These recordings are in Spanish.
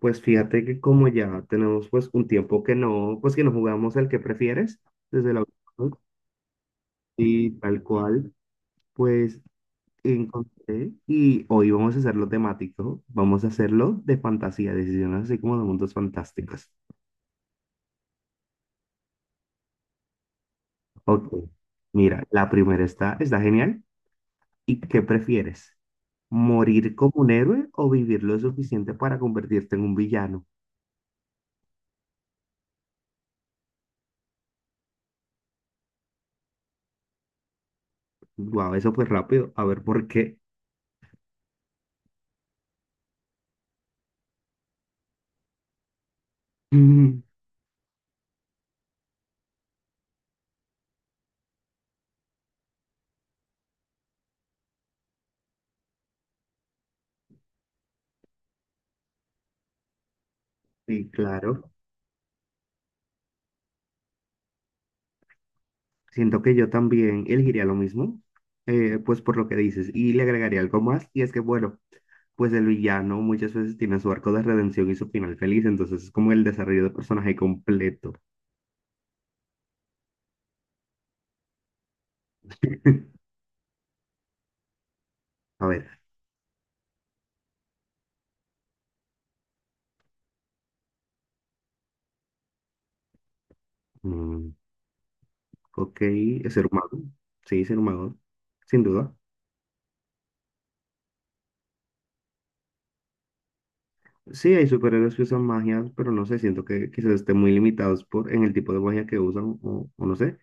Pues fíjate que como ya tenemos pues un tiempo que no, pues que no jugamos el que prefieres desde la y tal cual, pues encontré y hoy vamos a hacerlo temático, vamos a hacerlo de fantasía, decisiones así como de mundos fantásticos. Ok, mira, la primera está genial. ¿Y qué prefieres? ¿Morir como un héroe o vivir lo suficiente para convertirte en un villano? Guau, eso fue rápido, a ver por qué. Sí, claro. Siento que yo también elegiría lo mismo, pues por lo que dices, y le agregaría algo más, y es que, bueno, pues el villano muchas veces tiene su arco de redención y su final feliz, entonces es como el desarrollo de personaje completo. A ver, mm, ok, es ser humano, sí, ser humano, sin duda. Sí, hay superhéroes que usan magia, pero no sé, siento que quizás estén muy limitados por, en el tipo de magia que usan, o no sé.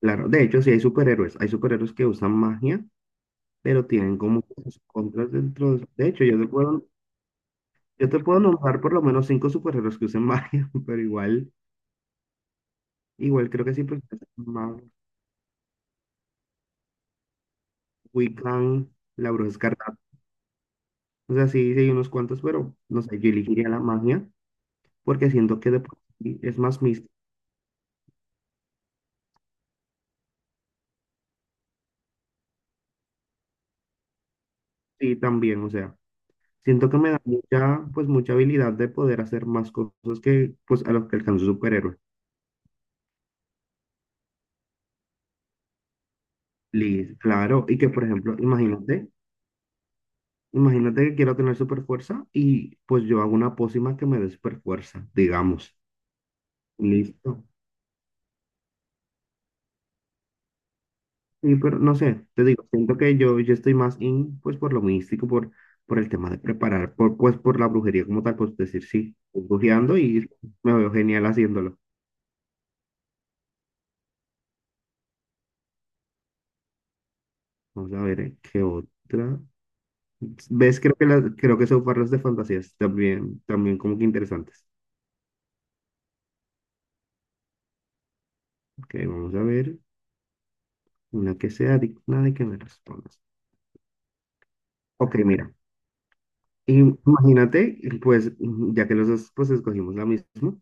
Claro, de hecho, sí hay superhéroes que usan magia, pero tienen como que sus contras dentro. De hecho, yo te puedo nombrar por lo menos cinco superhéroes que usen magia, pero igual creo que sí, porque es más Wiccan, la Bruja Escarlata. O sea, sí, sí hay unos cuantos, pero no sé, yo elegiría la magia, porque siento que de por sí es más místico y también, o sea, siento que me da mucha, pues mucha habilidad de poder hacer más cosas que, pues, a los que alcanza un superhéroe. Liz, claro, y que por ejemplo, imagínate que quiero tener super fuerza y pues yo hago una pócima que me dé super fuerza, digamos. Listo. Y pero no sé, te digo, siento que yo estoy más in, pues por lo místico, por el tema de preparar, por, pues por la brujería como tal, pues decir sí, estoy brujeando y me veo genial haciéndolo. Vamos a ver, ¿qué otra? ¿Ves? Creo que, creo que son parras de fantasías también, también como que interesantes. Ok, vamos a ver una que sea digna de que me respondas. Ok, mira. Y imagínate, pues, ya que los dos pues, escogimos la misma,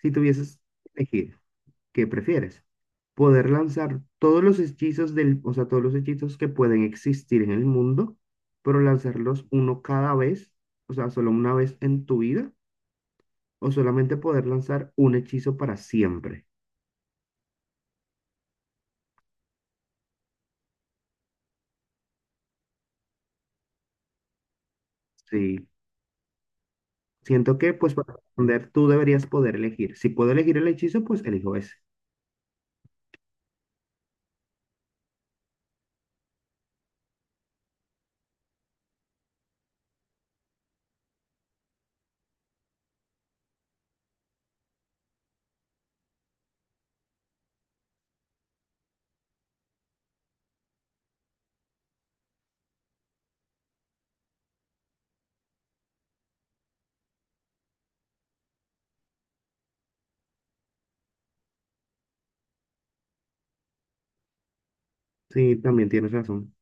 si tuvieses que elegir, ¿qué prefieres? ¿Poder lanzar todos los hechizos del, o sea, todos los hechizos que pueden existir en el mundo, pero lanzarlos uno cada vez, o sea, solo una vez en tu vida, o solamente poder lanzar un hechizo para siempre? Sí, siento que, pues, para responder, tú deberías poder elegir. Si puedo elegir el hechizo, pues elijo ese. Sí, también tienes razón.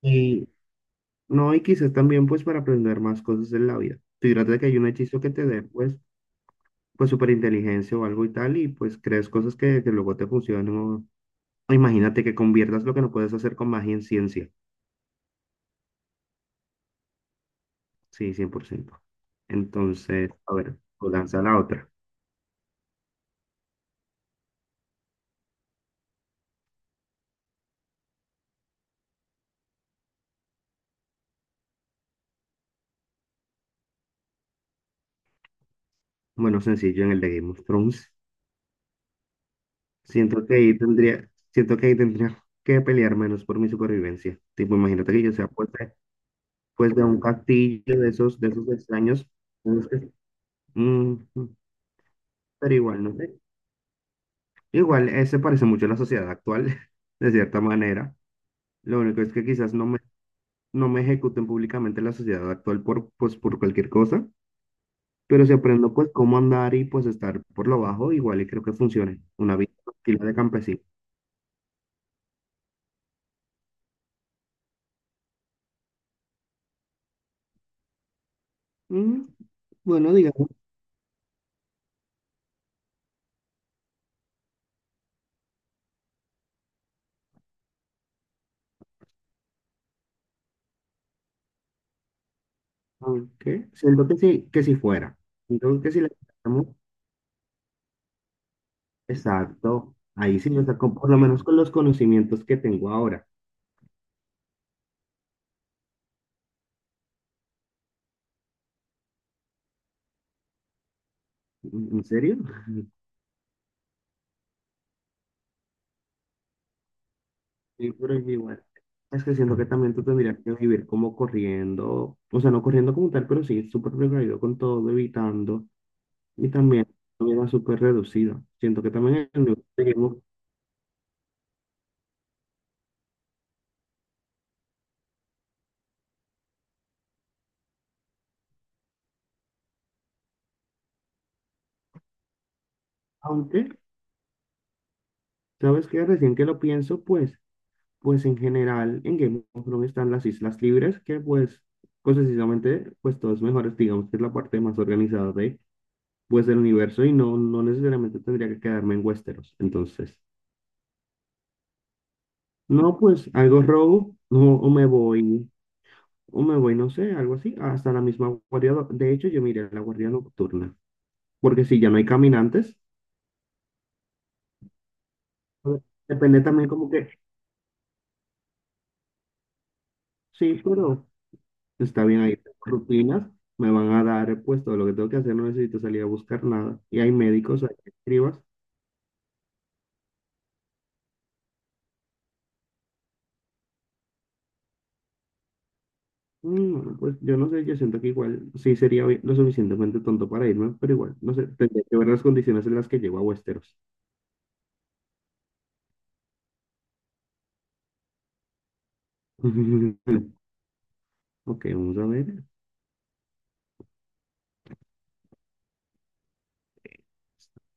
Y no, y quizás también pues para aprender más cosas en la vida. Fíjate de que hay un hechizo que te dé pues, pues inteligencia o algo y tal, y pues crees cosas que luego te funcionan. o imagínate que conviertas lo que no puedes hacer con magia en ciencia. Sí, 100%. Entonces, a ver, tú lanza la otra. Bueno, sencillo en el de Game of Thrones. Siento que ahí tendría, siento que ahí tendría que pelear menos por mi supervivencia. Tipo, imagínate que yo sea pues, de un castillo de esos extraños. en los que- Mm, Pero igual, no sé. Igual, se parece mucho a la sociedad actual, de cierta manera. Lo único es que quizás no me ejecuten públicamente la sociedad actual por, pues, por cualquier cosa, pero si aprendo pues cómo andar y pues estar por lo bajo, igual y creo que funcione. Una vida tranquila de campesino. Mm, bueno, digamos, aunque siento que sí, que si fuera. Siento que si la quitamos, exacto. Ahí sí, o sea, por lo menos con los conocimientos que tengo ahora. ¿En serio? Sí, pero igual. Es que siento que también tú tendrías que vivir como corriendo, o sea, no corriendo como tal, pero sí súper precavido con todo, evitando, y también una vida súper reducida. Siento que también en el tenemos, aunque, ¿sabes qué? Recién que lo pienso, pues, pues en general en Game of Thrones están las islas libres, que pues, pues precisamente, pues todos mejores, digamos que es la parte más organizada de, pues, del universo, y no, no necesariamente tendría que quedarme en Westeros, entonces. No, pues algo robo, no, o me voy, no sé, algo así, hasta la misma guardia. De hecho, yo miré la guardia nocturna, porque si ya no hay caminantes, pues, depende también como que, sí, pero está bien ahí, tengo rutinas, me van a dar pues todo lo que tengo que hacer, no necesito salir a buscar nada. Y hay médicos, hay escribas, mm, pues yo no sé, yo siento que igual sí sería lo suficientemente tonto para irme, pero igual, no sé, tendría que ver las condiciones en las que llego a Westeros. Ok, vamos a ver.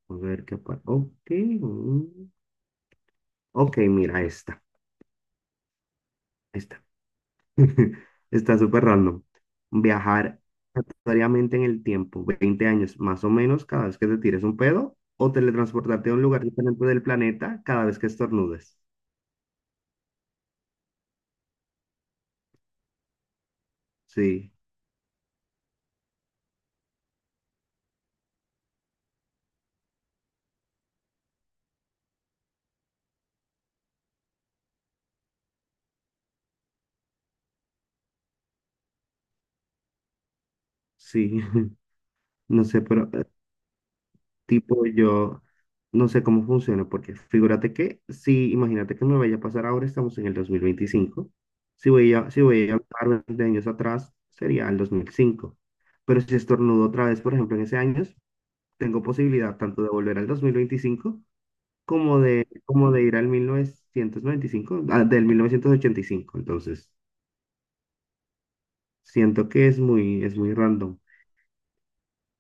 A ver qué ok. Ok, mira, esta. Esta. Está súper random. Viajar aleatoriamente en el tiempo, 20 años más o menos, cada vez que te tires un pedo, o teletransportarte a un lugar diferente del planeta cada vez que estornudes. Sí, sí. No sé, pero tipo, yo no sé cómo funciona, porque figúrate que, si imagínate que me vaya a pasar ahora, estamos en el 2025. Si voy a hablar 20 años atrás, sería el 2005. Pero si estornudo otra vez, por ejemplo, en ese año, tengo posibilidad tanto de volver al 2025 como de ir al 1995, ah, del 1985. Entonces, siento que es muy, random.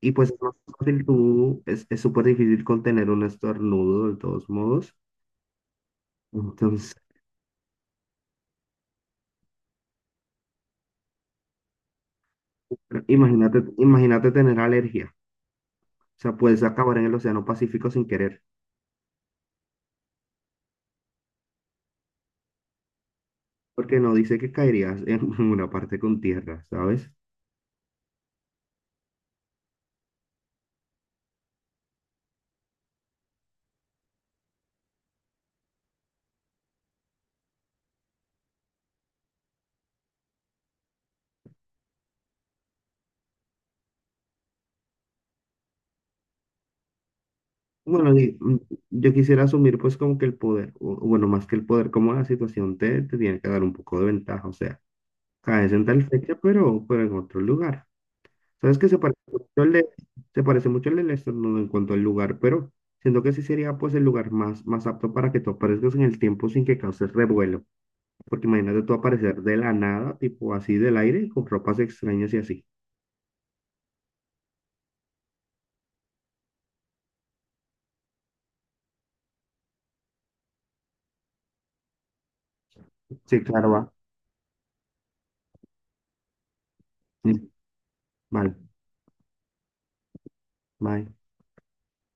Y pues es más fácil tú, es súper difícil contener un estornudo de todos modos. Entonces, imagínate tener alergia. O sea, puedes acabar en el Océano Pacífico sin querer, porque no dice que caerías en una parte con tierra, ¿sabes? Bueno, y, yo quisiera asumir pues como que el poder, o bueno, más que el poder, como la situación te tiene que dar un poco de ventaja, o sea, caes en tal fecha, pero en otro lugar. ¿Sabes que se parece mucho al de, se parece mucho al del estornudo en cuanto al lugar, pero siento que sí sería pues el lugar más, más apto para que tú aparezcas en el tiempo sin que causes revuelo. Porque imagínate tú aparecer de la nada, tipo así del aire, con ropas extrañas y así. Sí, claro, va. Sí. Vale, bye.